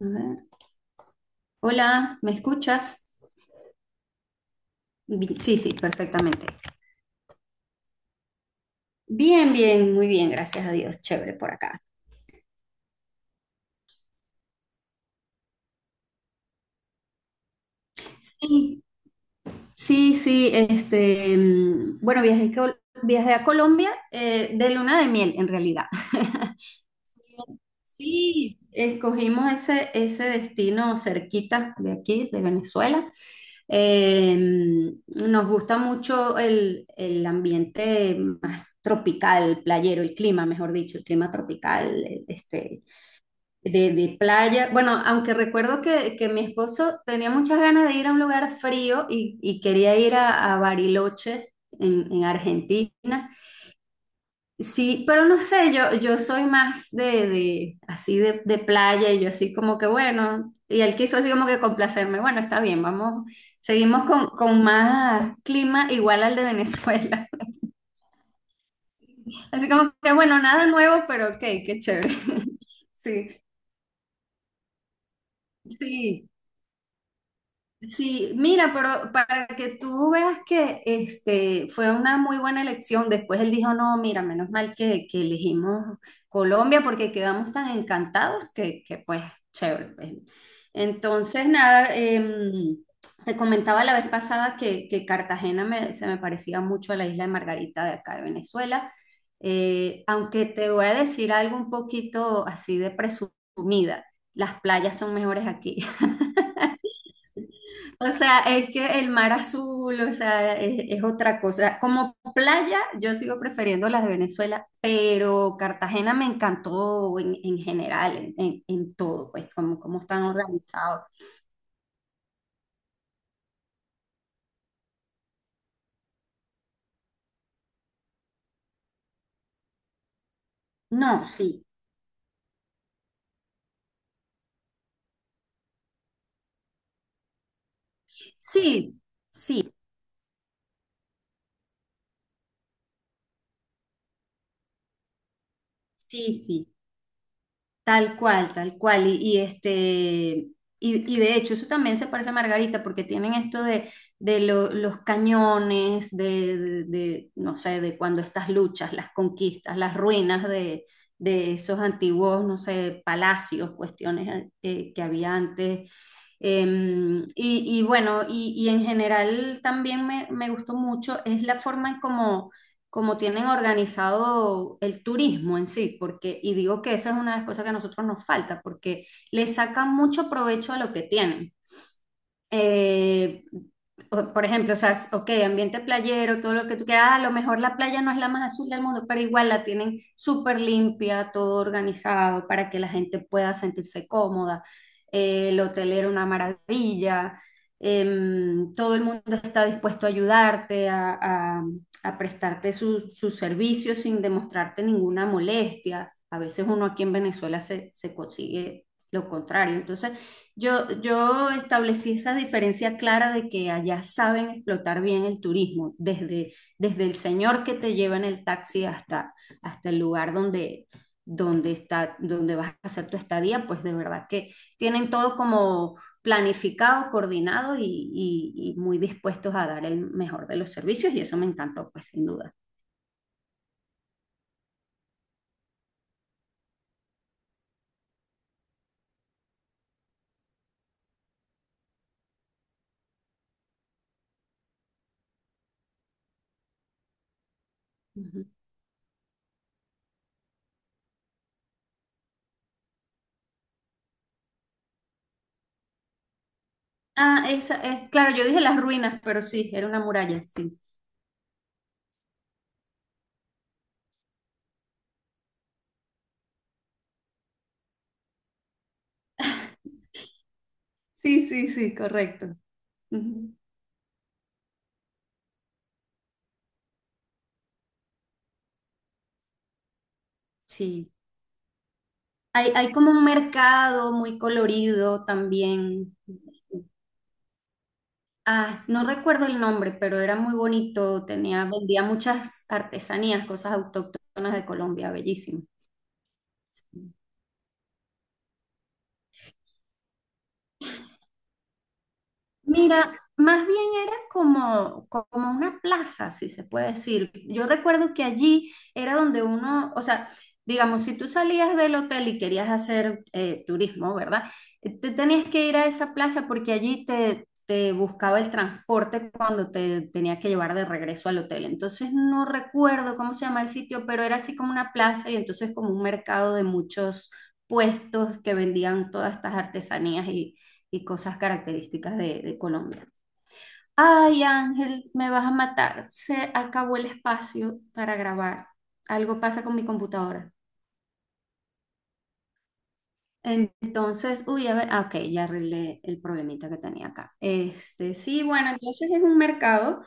A ver. Hola, ¿me escuchas? Sí, sí, perfectamente. Bien, bien, muy bien, gracias a Dios, chévere por acá. Sí, sí, sí, este, bueno, viajé a Colombia de luna de miel, en realidad. Sí, escogimos ese destino cerquita de aquí, de Venezuela. Eh, nos gusta mucho el ambiente más tropical, playero, el clima, mejor dicho, el clima tropical, este, de playa. Bueno, aunque recuerdo que mi esposo tenía muchas ganas de ir a un lugar frío y quería ir a Bariloche en Argentina. Sí, pero no sé, yo soy más de así de playa y yo así como que bueno, y él quiso así como que complacerme. Bueno, está bien, vamos, seguimos con más clima igual al de Venezuela. Así como que bueno, nada nuevo, pero ok, qué chévere. Sí, sí. Sí, mira, pero para que tú veas que este fue una muy buena elección, después él dijo, no, mira, menos mal que elegimos Colombia porque quedamos tan encantados que pues, chévere, pues. Entonces, nada, te comentaba la vez pasada que Cartagena se me parecía mucho a la isla de Margarita de acá de Venezuela. Aunque te voy a decir algo un poquito así de presumida, las playas son mejores aquí. O sea, es que el mar azul, o sea, es otra cosa. Como playa, yo sigo prefiriendo las de Venezuela, pero Cartagena me encantó en general, en todo, pues, como están organizados. No, sí, sí, sí, sí, sí. Tal cual, tal cual. Y este, y, y de hecho, eso también se parece a Margarita, porque tienen esto de los cañones, de, no sé, de cuando estas luchas, las conquistas, las ruinas de esos antiguos, no sé, palacios, cuestiones que había antes eh, y, bueno, y en general también me gustó mucho es la forma en cómo como tienen organizado el turismo en sí, porque, y digo que esa es una de las cosas que a nosotros nos falta, porque le sacan mucho provecho a lo que tienen eh, por ejemplo, o sea, ok, ambiente playero, todo lo que tú quieras, ah, a lo mejor la playa no es la más azul del mundo, pero igual la tienen súper limpia, todo organizado para que la gente pueda sentirse cómoda. El hotel era una maravilla, todo el mundo está dispuesto a ayudarte, a prestarte sus servicios sin demostrarte ninguna molestia. A veces uno aquí en Venezuela se consigue lo contrario. Entonces, yo establecí esa diferencia clara de que allá saben explotar bien el turismo, desde el señor que te lleva en el taxi hasta el lugar donde vas a hacer tu estadía, pues de verdad que tienen todo como planificado, coordinado y muy dispuestos a dar el mejor de los servicios y eso me encantó, pues sin duda. Ujú. Ah, esa es, claro, yo dije las ruinas, pero sí, era una muralla, sí. Sí, sí, sí, correcto. Ujú. Sí. Hay como un mercado muy colorido también. Ah, no recuerdo el nombre, pero era muy bonito. Tenía, vendía muchas artesanías, cosas autóctonas de Colombia, bellísimo. Sí. Mira, más bien era como una plaza, si se puede decir. Yo recuerdo que allí era donde uno, o sea, digamos, si tú salías del hotel y querías hacer turismo, ¿verdad? Te tenías que ir a esa plaza porque allí te buscaba el transporte cuando te tenía que llevar de regreso al hotel. Entonces no recuerdo cómo se llama el sitio, pero era así como una plaza y entonces como un mercado de muchos puestos que vendían todas estas artesanías y cosas características de Colombia. Ay, Ángel, me vas a matar. Se acabó el espacio para grabar. Algo pasa con mi computadora. Entonces, uy, a ver, ah, ok, ya arreglé el problemita que tenía acá. Este, sí, bueno, entonces es un mercado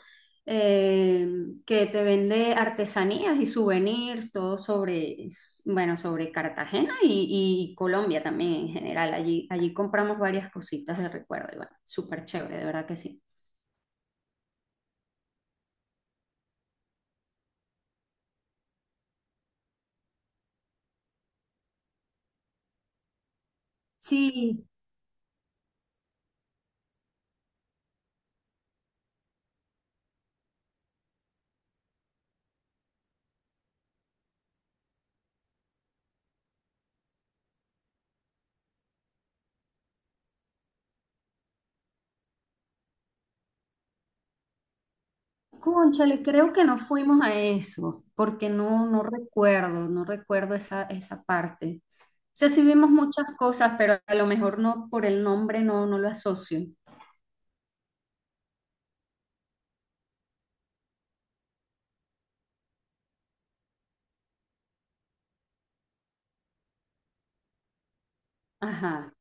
eh, que te vende artesanías y souvenirs, todo sobre, bueno, sobre Cartagena y Colombia también en general. Allí compramos varias cositas de recuerdo y bueno, súper chévere, de verdad que sí. Sí, cónchale, creo que no fuimos a eso, porque no, no recuerdo, no recuerdo esa parte. O sea, sí vimos muchas cosas, pero a lo mejor no por el nombre no, no lo asocio. Ajá.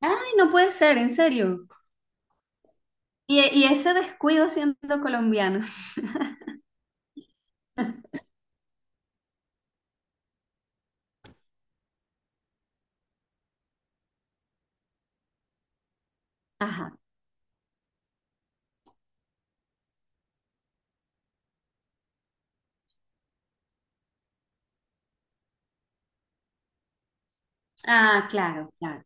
Ay, no puede ser, en serio. Y ese descuido siendo colombiano. Ajá. Ah, claro, claro.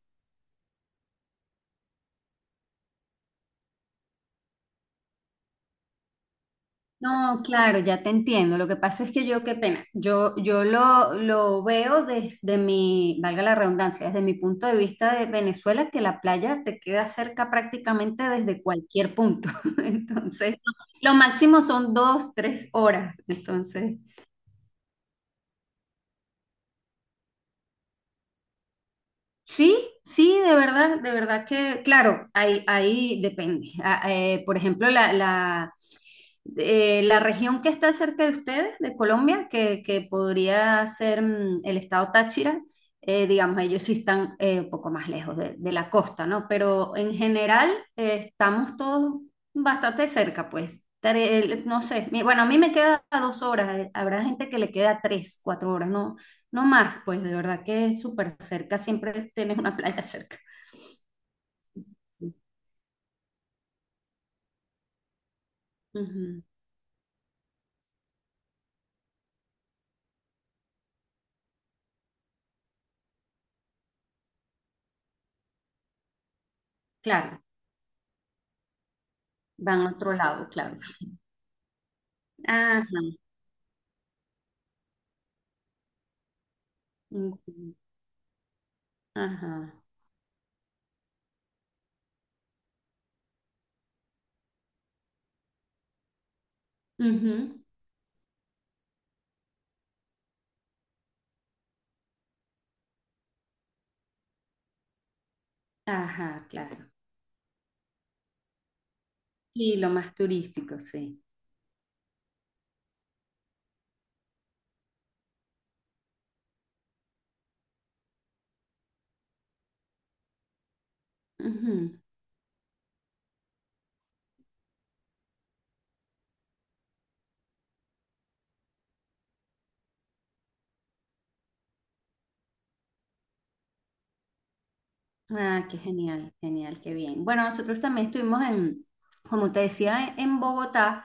No, claro, ya te entiendo. Lo que pasa es que yo, qué pena, yo lo veo desde mi, valga la redundancia, desde mi punto de vista de Venezuela, que la playa te queda cerca prácticamente desde cualquier punto. Entonces, lo máximo son 2, 3 horas. Entonces, sí, sí, de verdad que, claro, ahí depende. Ah, por ejemplo, la región que está cerca de ustedes, de Colombia, que podría ser el estado Táchira, Digamos, ellos sí están un poco más lejos de la costa, ¿no? Pero en general estamos todos bastante cerca, pues. No sé, bueno, a mí me queda 2 horas, habrá gente que le queda 3, 4 horas, ¿no? No más, pues de verdad que es súper cerca, siempre tienes una playa cerca. Ujú, claro, van a otro lado, claro. Ajá, ujú, ajá, ujú, ajá, claro. Sí, lo más turístico, sí. Ujú. Ah, qué genial, genial, qué bien. Bueno, nosotros también estuvimos en, como te decía, en Bogotá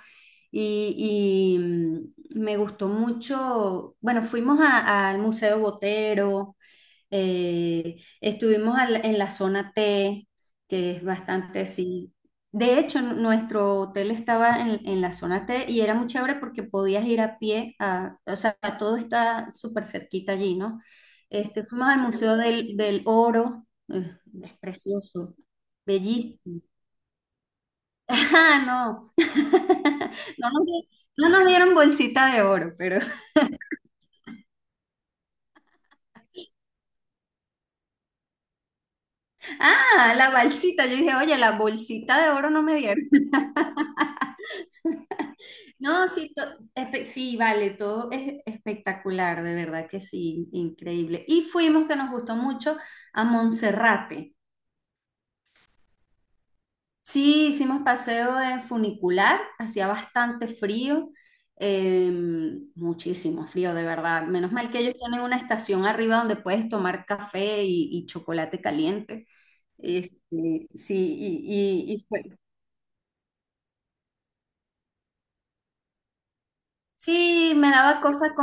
y, y me gustó mucho, bueno, fuimos al Museo Botero. Estuvimos en la zona T, que es bastante así. De hecho, nuestro hotel estaba en la zona T y era muy chévere porque podías ir a pie, o sea, todo está súper cerquita allí, ¿no? Este, fuimos al Museo del Oro, es precioso, bellísimo. Ah, no. No nos, di- no nos dieron bolsita de oro, pero... Ah, la bolsita. Yo dije, oye, la bolsita de oro no me dieron. No, sí, sí, vale, todo es espectacular, de verdad que sí, increíble. Y fuimos, que nos gustó mucho, a Monserrate. Sí, hicimos paseo en funicular, hacía bastante frío, eh, muchísimo frío, de verdad. Menos mal que ellos tienen una estación arriba donde puedes tomar café y chocolate caliente. Este, sí, y sí, me daba cosas.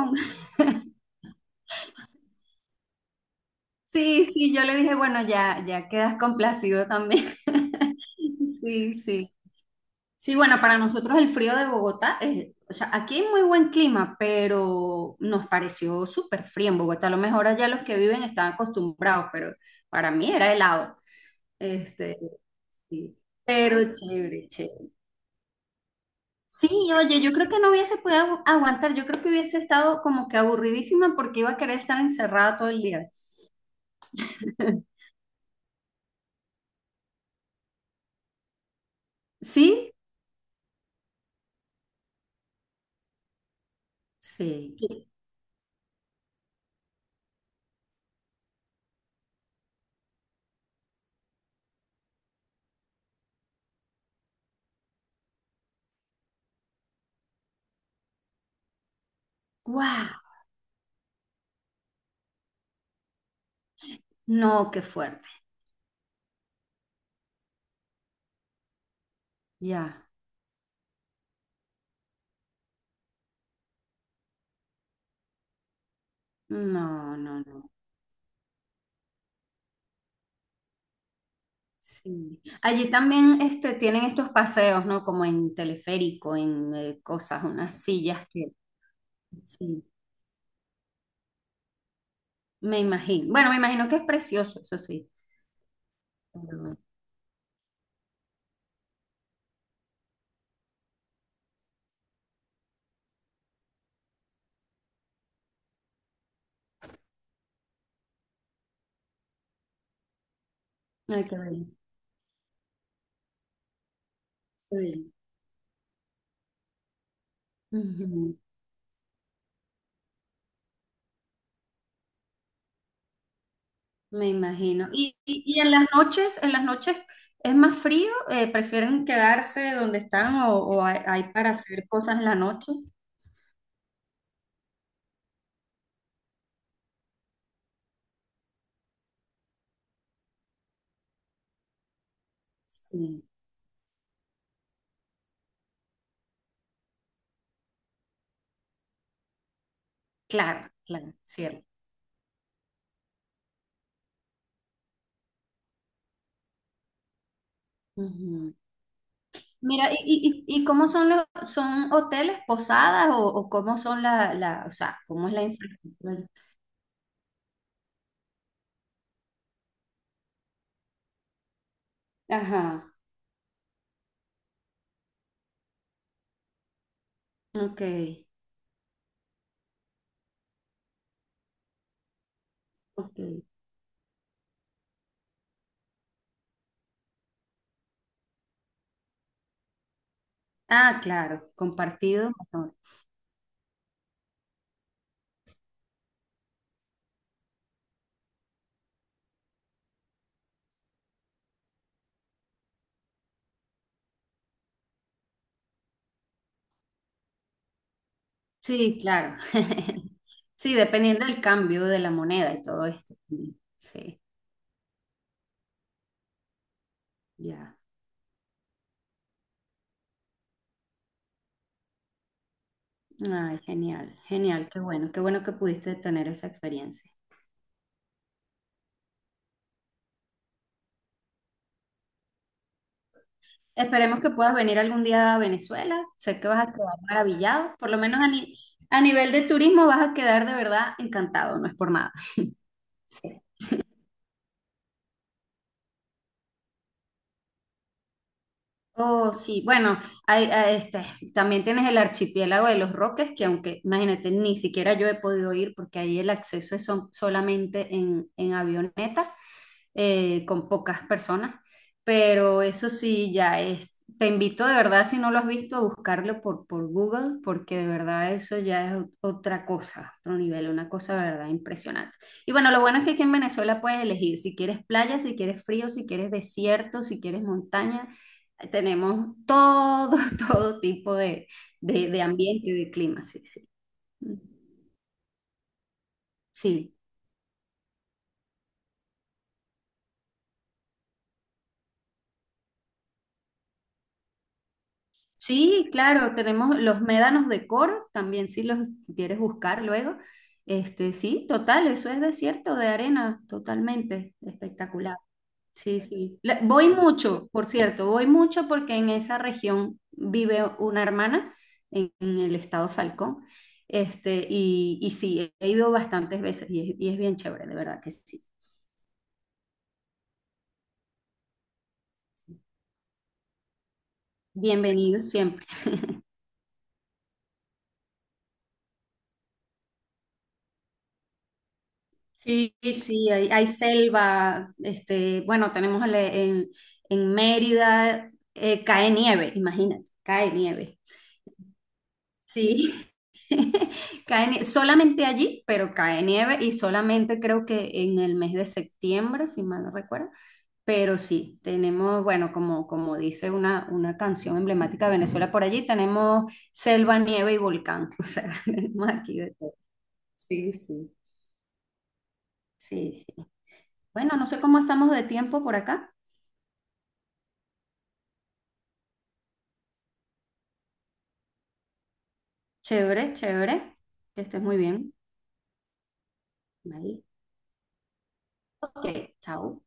Sí, sí, yo le dije, bueno, ya, ya quedas complacido también. Sí, sí. Sí, bueno, para nosotros el frío de Bogotá, o sea, aquí hay muy buen clima, pero nos pareció súper frío en Bogotá. A lo mejor allá los que viven están acostumbrados, pero para mí era helado. Este, sí. Pero chévere, chévere. Sí, oye, yo creo que no hubiese podido aguantar. Yo creo que hubiese estado como que aburridísima porque iba a querer estar encerrada todo el día. ¿Sí? Sí. ¡Guau! No, qué fuerte. Ya. No, no, no. Sí. Allí también este, tienen estos paseos, ¿no? Como en teleférico, en cosas, unas sillas que... Sí, me imagino. Bueno, me imagino que es precioso, eso sí. Pero, ay, qué bello, qué bello. Ujú. Me imagino. ¿Y en las noches es más frío? ¿Prefieren quedarse donde están o hay para hacer cosas en la noche? Sí, claro, claro, cierto. Mira, ¿y cómo son hoteles, posadas o cómo son la, o sea, cómo es la infraestructura? Ajá, ok, ok. Ah, claro, compartido, mejor. Sí, claro. Sí, dependiendo del cambio de la moneda y todo esto. Sí, ya. Ay, genial, genial, qué bueno que pudiste tener esa experiencia. Esperemos que puedas venir algún día a Venezuela. Sé que vas a quedar maravillado. Por lo menos a, ni- a nivel de turismo vas a quedar de verdad encantado, no es por nada. Sí. Oh, sí, bueno, hay, este, también tienes el archipiélago de los Roques, que aunque, imagínate, ni siquiera yo he podido ir porque ahí el acceso es solamente en avioneta, con pocas personas, pero eso sí, ya es, te invito de verdad, si no lo has visto, a buscarlo por Google, porque de verdad eso ya es otra cosa, otro nivel, una cosa de verdad impresionante. Y bueno, lo bueno es que aquí en Venezuela puedes elegir si quieres playa, si quieres frío, si quieres desierto, si quieres montaña. Tenemos todo, todo tipo de ambiente y de clima, sí, sí. Sí, sí, claro, tenemos los médanos de Coro, también si los quieres buscar luego. Este, sí, total, eso es desierto de arena, totalmente espectacular. Sí, sí. Voy mucho, por cierto, voy mucho porque en esa región vive una hermana en el estado Falcón. Este, y sí, he ido bastantes veces y es bien chévere, de verdad que sí. Bienvenidos siempre. Sí, sí, hay selva, este, bueno, tenemos en Mérida, cae nieve, imagínate, cae nieve. Sí, solamente allí, pero cae nieve y solamente creo que en el mes de septiembre, si mal no recuerdo. Pero sí, tenemos, bueno, como dice una canción emblemática de Venezuela por allí, tenemos selva, nieve y volcán. O sea, tenemos aquí de todo. Sí, sí, sí, sí. Bueno, no sé cómo estamos de tiempo por acá. Chévere, chévere. Que estés muy bien. Bye. Ok, chao.